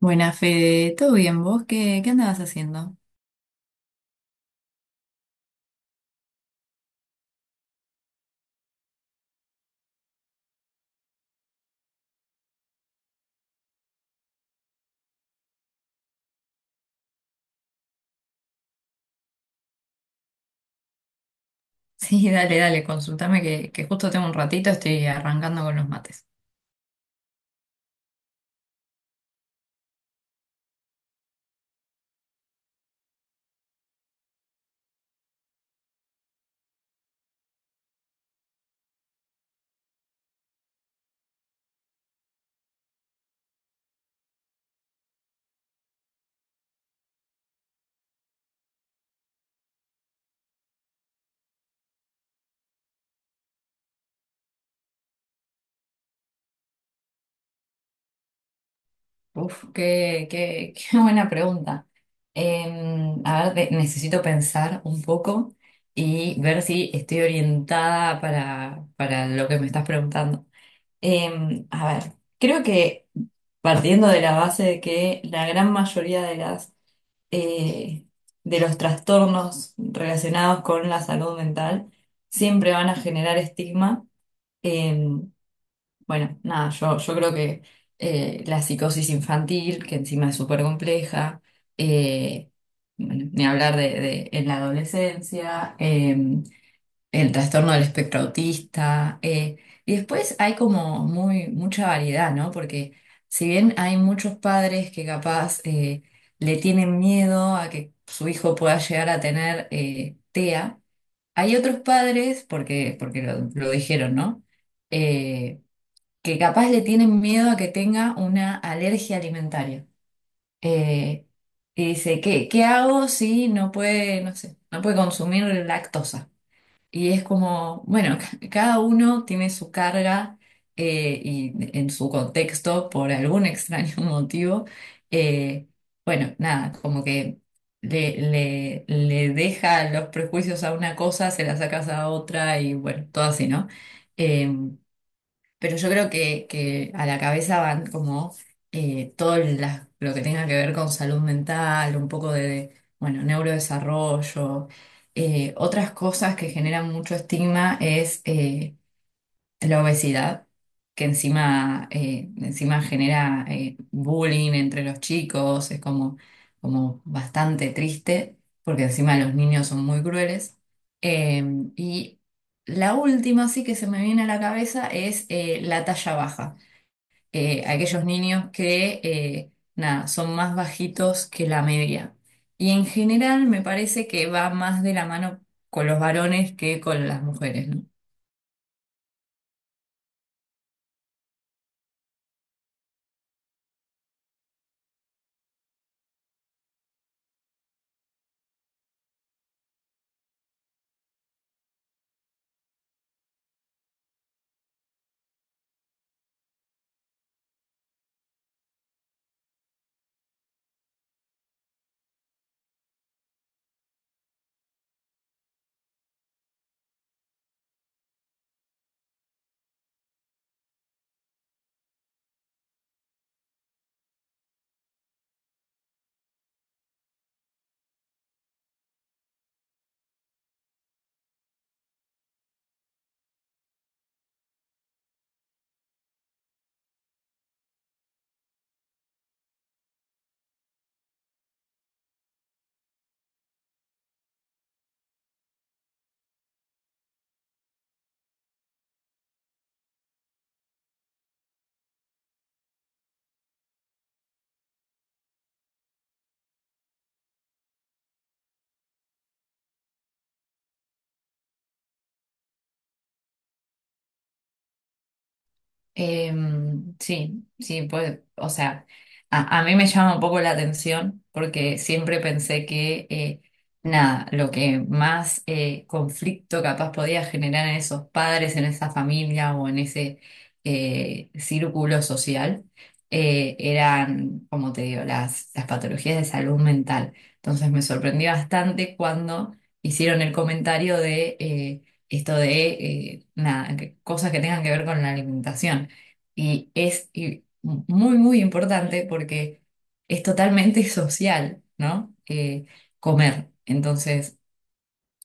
Buena Fede, ¿todo bien vos? ¿¿Qué andabas haciendo? Sí, dale, dale, consultame que justo tengo un ratito, estoy arrancando con los mates. Uf, qué buena pregunta. Eh, a ver, necesito pensar un poco y ver si estoy orientada para lo que me estás preguntando. A ver, creo que partiendo de la base de que la gran mayoría de las eh, de los trastornos relacionados con la salud mental siempre van a generar estigma. Eh, bueno, nada, yo creo que la psicosis infantil, que encima es súper compleja. eh, bueno, ni hablar de en la adolescencia. El trastorno del espectro autista. Y después hay como muy, mucha variedad, ¿no? Porque si bien hay muchos padres que capaz le tienen miedo a que su hijo pueda llegar a tener TEA, hay otros padres, porque, porque lo dijeron, ¿no? Eh, que capaz le tienen miedo a que tenga una alergia alimentaria. Eh, y dice, ¿¿qué hago si no puede, no sé, no puede consumir lactosa? Y es como, bueno, cada uno tiene su carga y en su contexto por algún extraño motivo. eh, bueno, nada, como que le deja los prejuicios a una cosa, se la sacas a otra y bueno, todo así, ¿no? Em, pero yo creo que a la cabeza van como todo lo que tenga que ver con salud mental, un poco de, bueno, neurodesarrollo. Otras cosas que generan mucho estigma es la obesidad, que encima, encima genera bullying entre los chicos, es como, como bastante triste, porque encima los niños son muy crueles. Eh, y la última sí que se me viene a la cabeza es la talla baja. Aquellos niños que nada, son más bajitos que la media. Y en general me parece que va más de la mano con los varones que con las mujeres, ¿no? Sí, sí, pues, o sea, a mí me llama un poco la atención porque siempre pensé que, nada, lo que más conflicto capaz podía generar en esos padres, en esa familia o en ese círculo social, eran, como te digo, las patologías de salud mental. Entonces me sorprendí bastante cuando hicieron el comentario de esto de, nada, cosas que tengan que ver con la alimentación. Y es y muy, muy importante porque es totalmente social, ¿no? Comer. Entonces,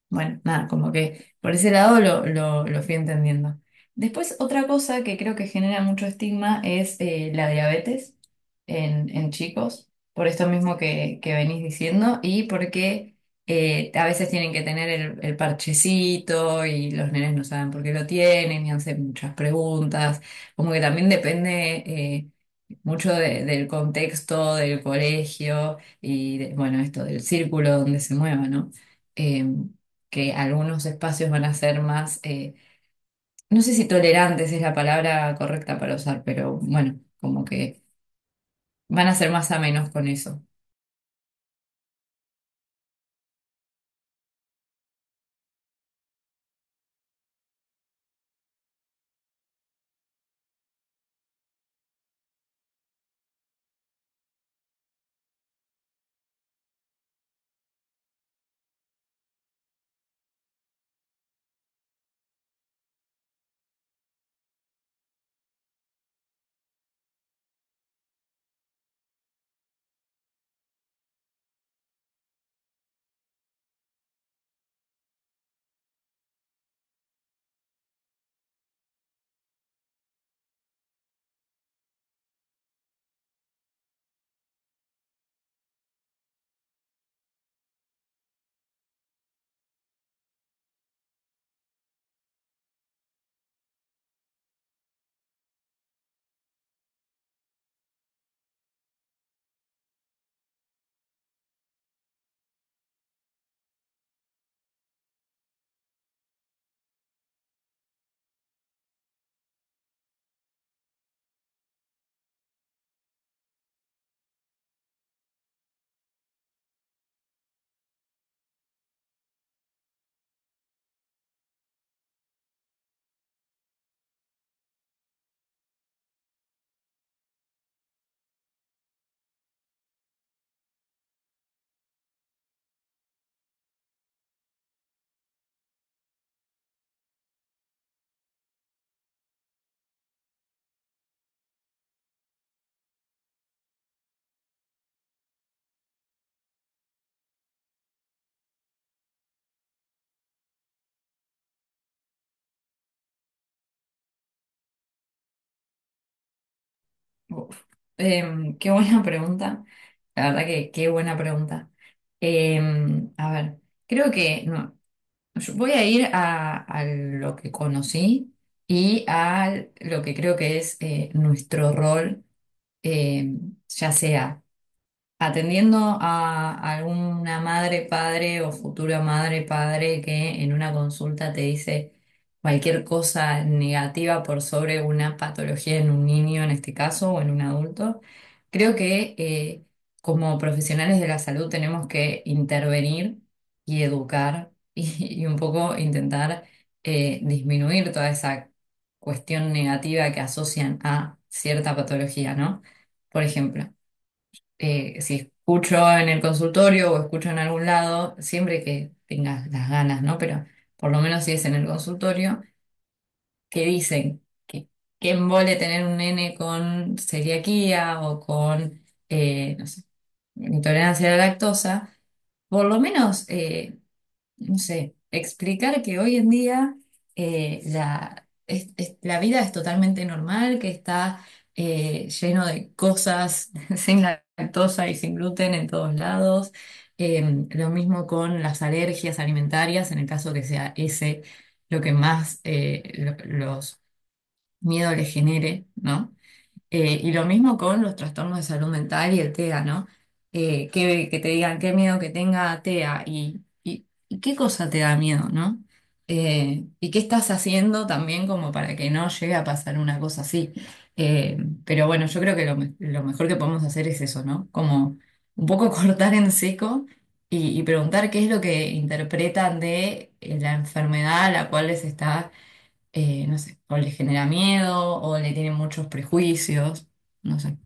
bueno, nada, como que por ese lado lo fui entendiendo. Después, otra cosa que creo que genera mucho estigma es la diabetes en chicos, por esto mismo que venís diciendo y porque a veces tienen que tener el parchecito y los nenes no saben por qué lo tienen y hacen muchas preguntas, como que también depende mucho del contexto, del colegio y bueno, esto del círculo donde se mueva, ¿no? Em, que algunos espacios van a ser más, no sé si tolerantes es la palabra correcta para usar, pero bueno, como que van a ser más amenos con eso. Uf. Em, qué buena pregunta. La verdad que qué buena pregunta. Em, a ver, creo que no, yo voy a ir a lo que conocí y a lo que creo que es nuestro rol, em, ya sea atendiendo a alguna madre, padre o futura madre, padre que en una consulta te dice cualquier cosa negativa por sobre una patología en un niño en este caso o en un adulto, creo que como profesionales de la salud tenemos que intervenir y educar y un poco intentar disminuir toda esa cuestión negativa que asocian a cierta patología, ¿no? Por ejemplo si escucho en el consultorio o escucho en algún lado, siempre que tengas las ganas, ¿no? Pero por lo menos si es en el consultorio, que dicen que qué embole tener un nene con celiaquía o con, no sé, intolerancia a la lactosa, por lo menos. No sé, explicar que hoy en día la, la vida es totalmente normal, que está lleno de cosas sin lactosa y sin gluten en todos lados. Lo mismo con las alergias alimentarias, en el caso que sea ese lo que más los miedos les genere, ¿no? Y lo mismo con los trastornos de salud mental y el TEA, ¿no? Que te digan qué miedo que tenga TEA y qué cosa te da miedo, ¿no? Y qué estás haciendo también como para que no llegue a pasar una cosa así. Eh, pero bueno, yo creo que lo, lo mejor que podemos hacer es eso, ¿no? Como un poco cortar en seco y preguntar qué es lo que interpretan de la enfermedad a la cual les está no sé, o les genera miedo o le tienen muchos prejuicios, no sé.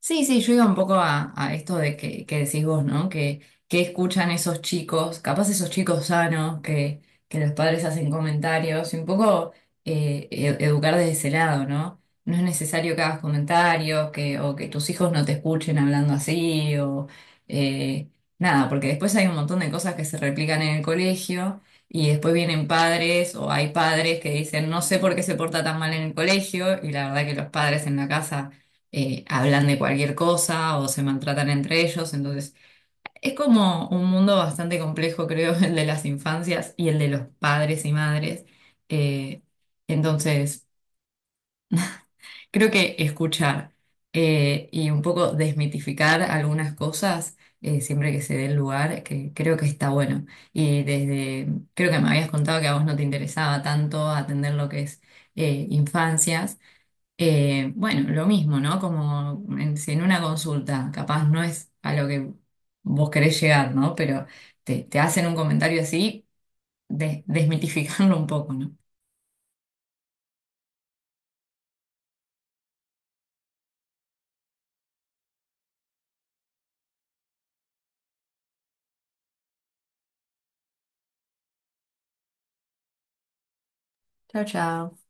Sí, sí, yo iba un poco a esto de que decís vos, ¿no? Que escuchan esos chicos, capaz esos chicos sanos que los padres hacen comentarios y un poco educar desde ese lado, ¿no? No es necesario que hagas comentarios que, o que tus hijos no te escuchen hablando así o eh, nada, porque después hay un montón de cosas que se replican en el colegio y después vienen padres o hay padres que dicen, no sé por qué se porta tan mal en el colegio y la verdad que los padres en la casa hablan de cualquier cosa o se maltratan entre ellos. Entonces, es como un mundo bastante complejo, creo, el de las infancias y el de los padres y madres. Eh, entonces, creo que escuchar y un poco desmitificar algunas cosas. Siempre que se dé el lugar, que creo que está bueno. Y desde, creo que me habías contado que a vos no te interesaba tanto atender lo que es infancias. Bueno, lo mismo, ¿no? Como en, si en una consulta, capaz no es a lo que vos querés llegar, ¿no? Pero te hacen un comentario así, desmitificarlo un poco, ¿no? Chao, chao.